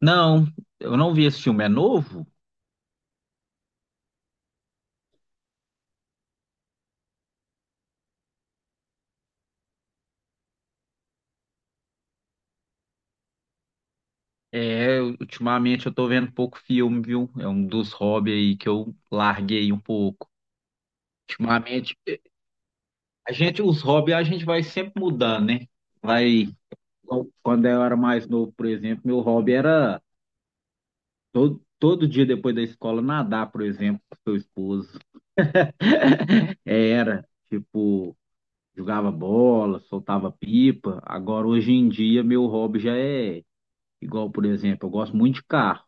Não, eu não vi esse filme. É novo? É, ultimamente eu tô vendo pouco filme, viu? É um dos hobbies aí que eu larguei um pouco. Ultimamente, a gente, os hobbies a gente vai sempre mudando, né? Vai, quando eu era mais novo, por exemplo, meu hobby era todo dia depois da escola nadar, por exemplo, com seu esposo. Era, tipo, jogava bola, soltava pipa. Agora, hoje em dia, meu hobby já é igual, por exemplo, eu gosto muito de carro.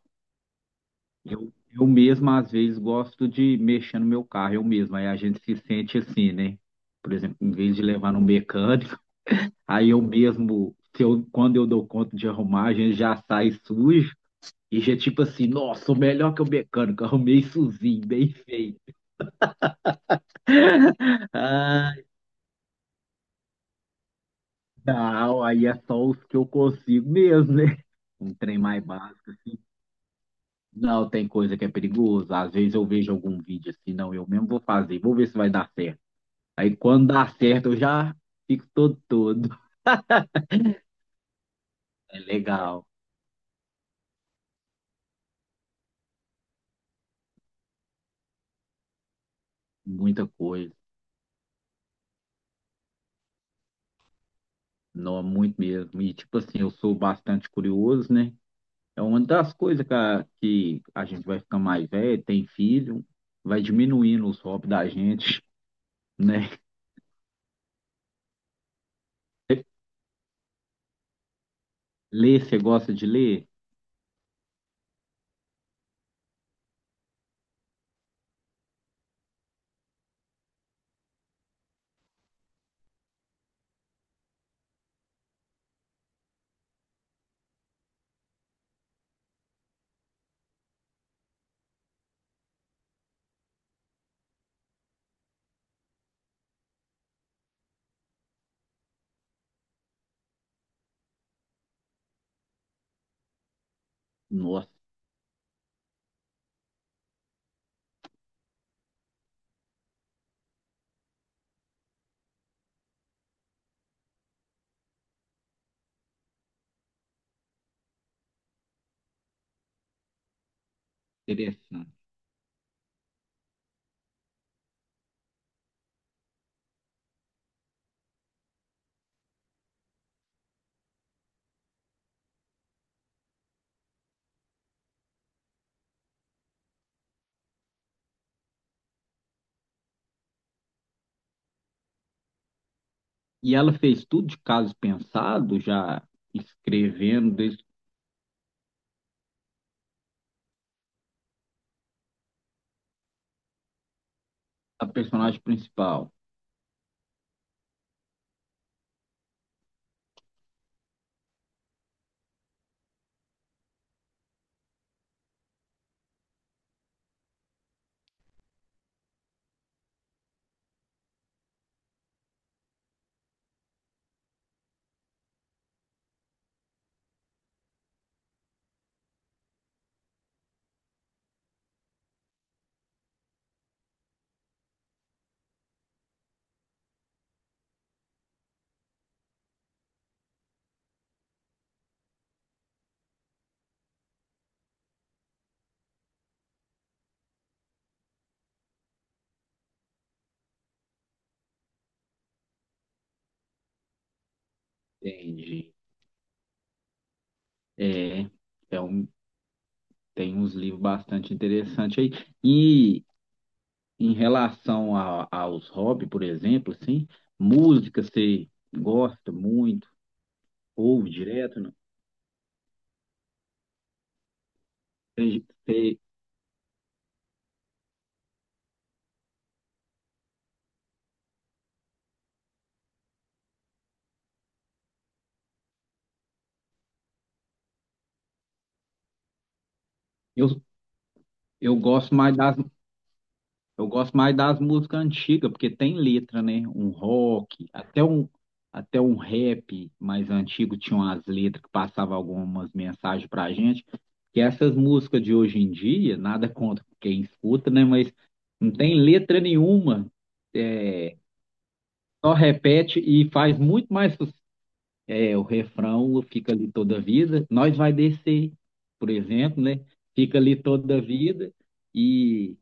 Eu mesmo, às vezes, gosto de mexer no meu carro, eu mesmo. Aí a gente se sente assim, né? Por exemplo, em vez de levar no mecânico, aí eu mesmo, se eu, quando eu dou conta de arrumar, a gente já sai sujo e já tipo assim, nossa, sou melhor que o mecânico, arrumei sozinho, bem feito. Ah, não, aí é só os que eu consigo mesmo, né? Um trem mais básico. Não, tem coisa que é perigosa. Às vezes eu vejo algum vídeo assim, não, eu mesmo vou fazer, vou ver se vai dar certo. Aí quando dá certo, eu já fico todo todo. É legal, muita coisa. Não, é muito mesmo. E tipo assim, eu sou bastante curioso, né? É uma das coisas que a gente vai ficar mais velho, tem filho, vai diminuindo os hobbies da gente, né? Ler, você gosta de ler? Nossa, interessante. E ela fez tudo de caso pensado, já escrevendo desde a personagem principal. Entendi. É, é um. Tem uns livros bastante interessantes aí. E em relação aos hobbies, por exemplo, assim, música você gosta muito, ouve direto, não? Tem- tem- eu, eu gosto mais das, eu gosto mais das músicas antigas, porque tem letra, né? Um rock, até um rap mais antigo tinha umas letras que passavam algumas mensagens pra gente. Que essas músicas de hoje em dia, nada contra quem escuta, né? Mas não tem letra nenhuma. É, só repete e faz muito mais sucesso. É, o refrão fica ali toda a vida. Nós vai descer, por exemplo, né? Fica ali toda a vida. E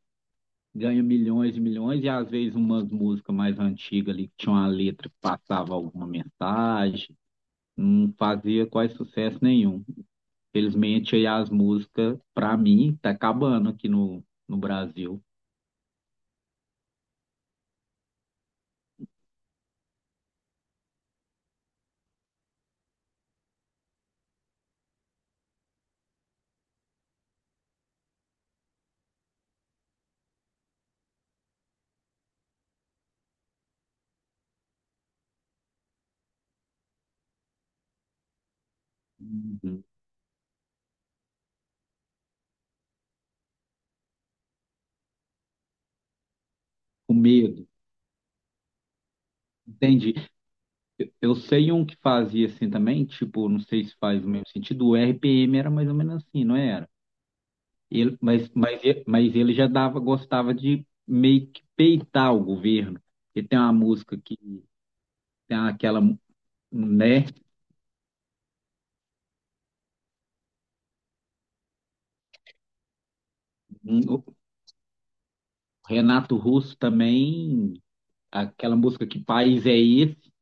ganha milhões e milhões, e às vezes umas músicas mais antigas ali que tinha uma letra que passava alguma mensagem, não fazia quase sucesso nenhum. Felizmente aí as músicas, para mim, tá acabando aqui no, no Brasil. Uhum. O medo. Entendi. Eu sei um que fazia assim também, tipo, não sei se faz o mesmo sentido, o RPM era mais ou menos assim, não era? Ele, mas ele já dava, gostava de meio que peitar o governo. Ele tem uma música que. Tem aquela, né? O Renato Russo também, aquela música Que País é Esse?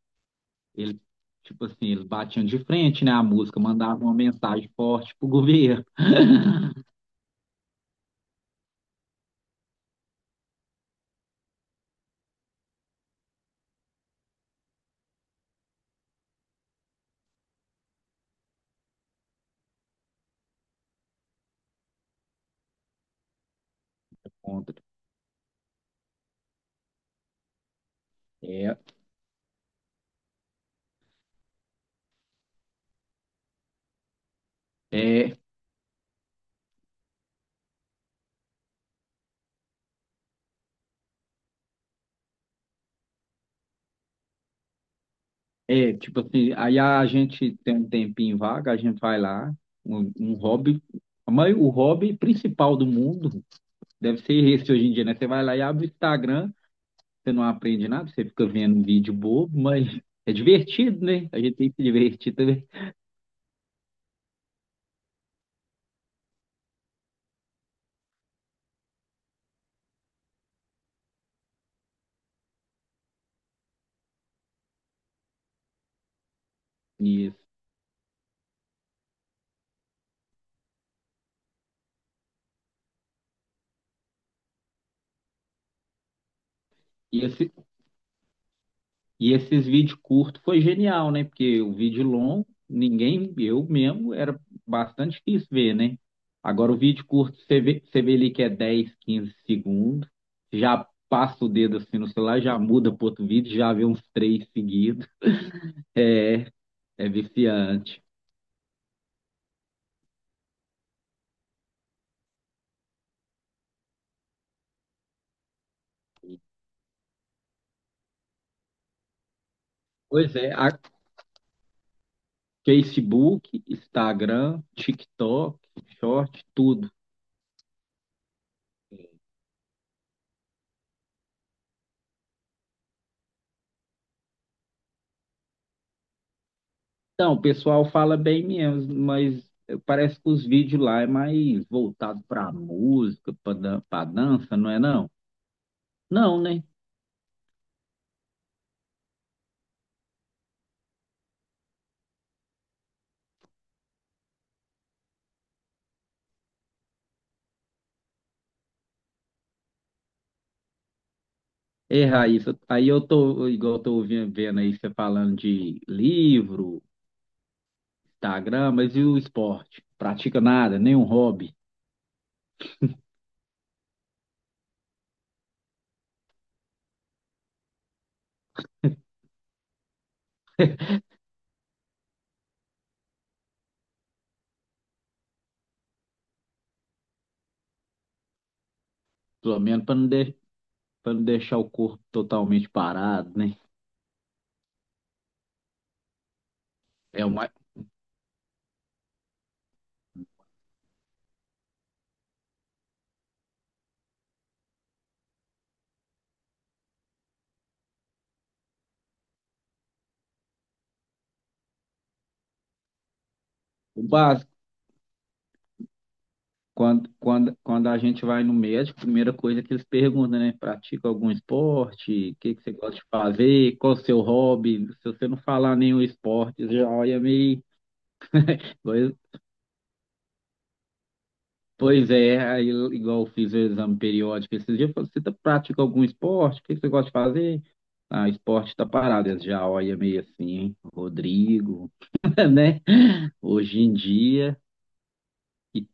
Ele, tipo assim, eles batiam de frente, né? A música mandava uma mensagem forte pro governo contra. É, é, é, tipo assim, aí a gente tem um tempinho vaga, a gente vai lá, um hobby, mas o hobby principal do mundo deve ser esse hoje em dia, né? Você vai lá e abre o Instagram, você não aprende nada, você fica vendo um vídeo bobo, mas é divertido, né? A gente tem que se divertir também. Isso. E, esse, e esses vídeos curtos foi genial, né? Porque o vídeo longo, ninguém, eu mesmo, era bastante difícil ver, né? Agora o vídeo curto, você vê ali que é 10, 15 segundos, já passa o dedo assim no celular, já muda para outro vídeo, já vê uns três seguidos, é viciante. Pois é, a- Facebook, Instagram, TikTok, Short, tudo. Não, o pessoal fala bem mesmo, mas parece que os vídeos lá é mais voltado para música, para dança, não é não? Não, né? É, Raíssa, aí eu tô, igual eu tô vendo aí você falando de livro, Instagram, mas e o esporte? Pratica nada, nenhum hobby, pelo menos para não, de, pra não deixar o corpo totalmente parado, né? É o mais, o básico. Quando a gente vai no médico, a primeira coisa que eles perguntam, né? Pratica algum esporte? O que que você gosta de fazer? Qual o seu hobby? Se você não falar nenhum esporte, já olha meio. Pois, pois é, aí, igual eu fiz o exame periódico esses dias, eu falei, você pratica algum esporte? O que que você gosta de fazer? Ah, esporte tá parado, eles já olha meio assim, hein? Rodrigo, né? Hoje em dia, e-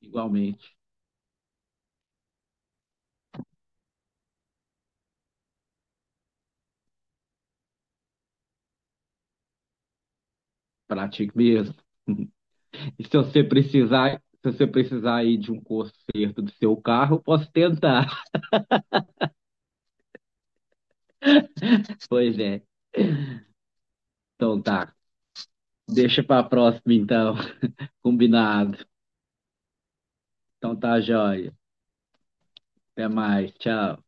igualmente, pratico mesmo. E se você precisar aí de um conserto do seu carro, eu posso tentar. Pois é. Então tá. Deixa pra próxima então. Combinado. Então tá, joia. Até mais. Tchau.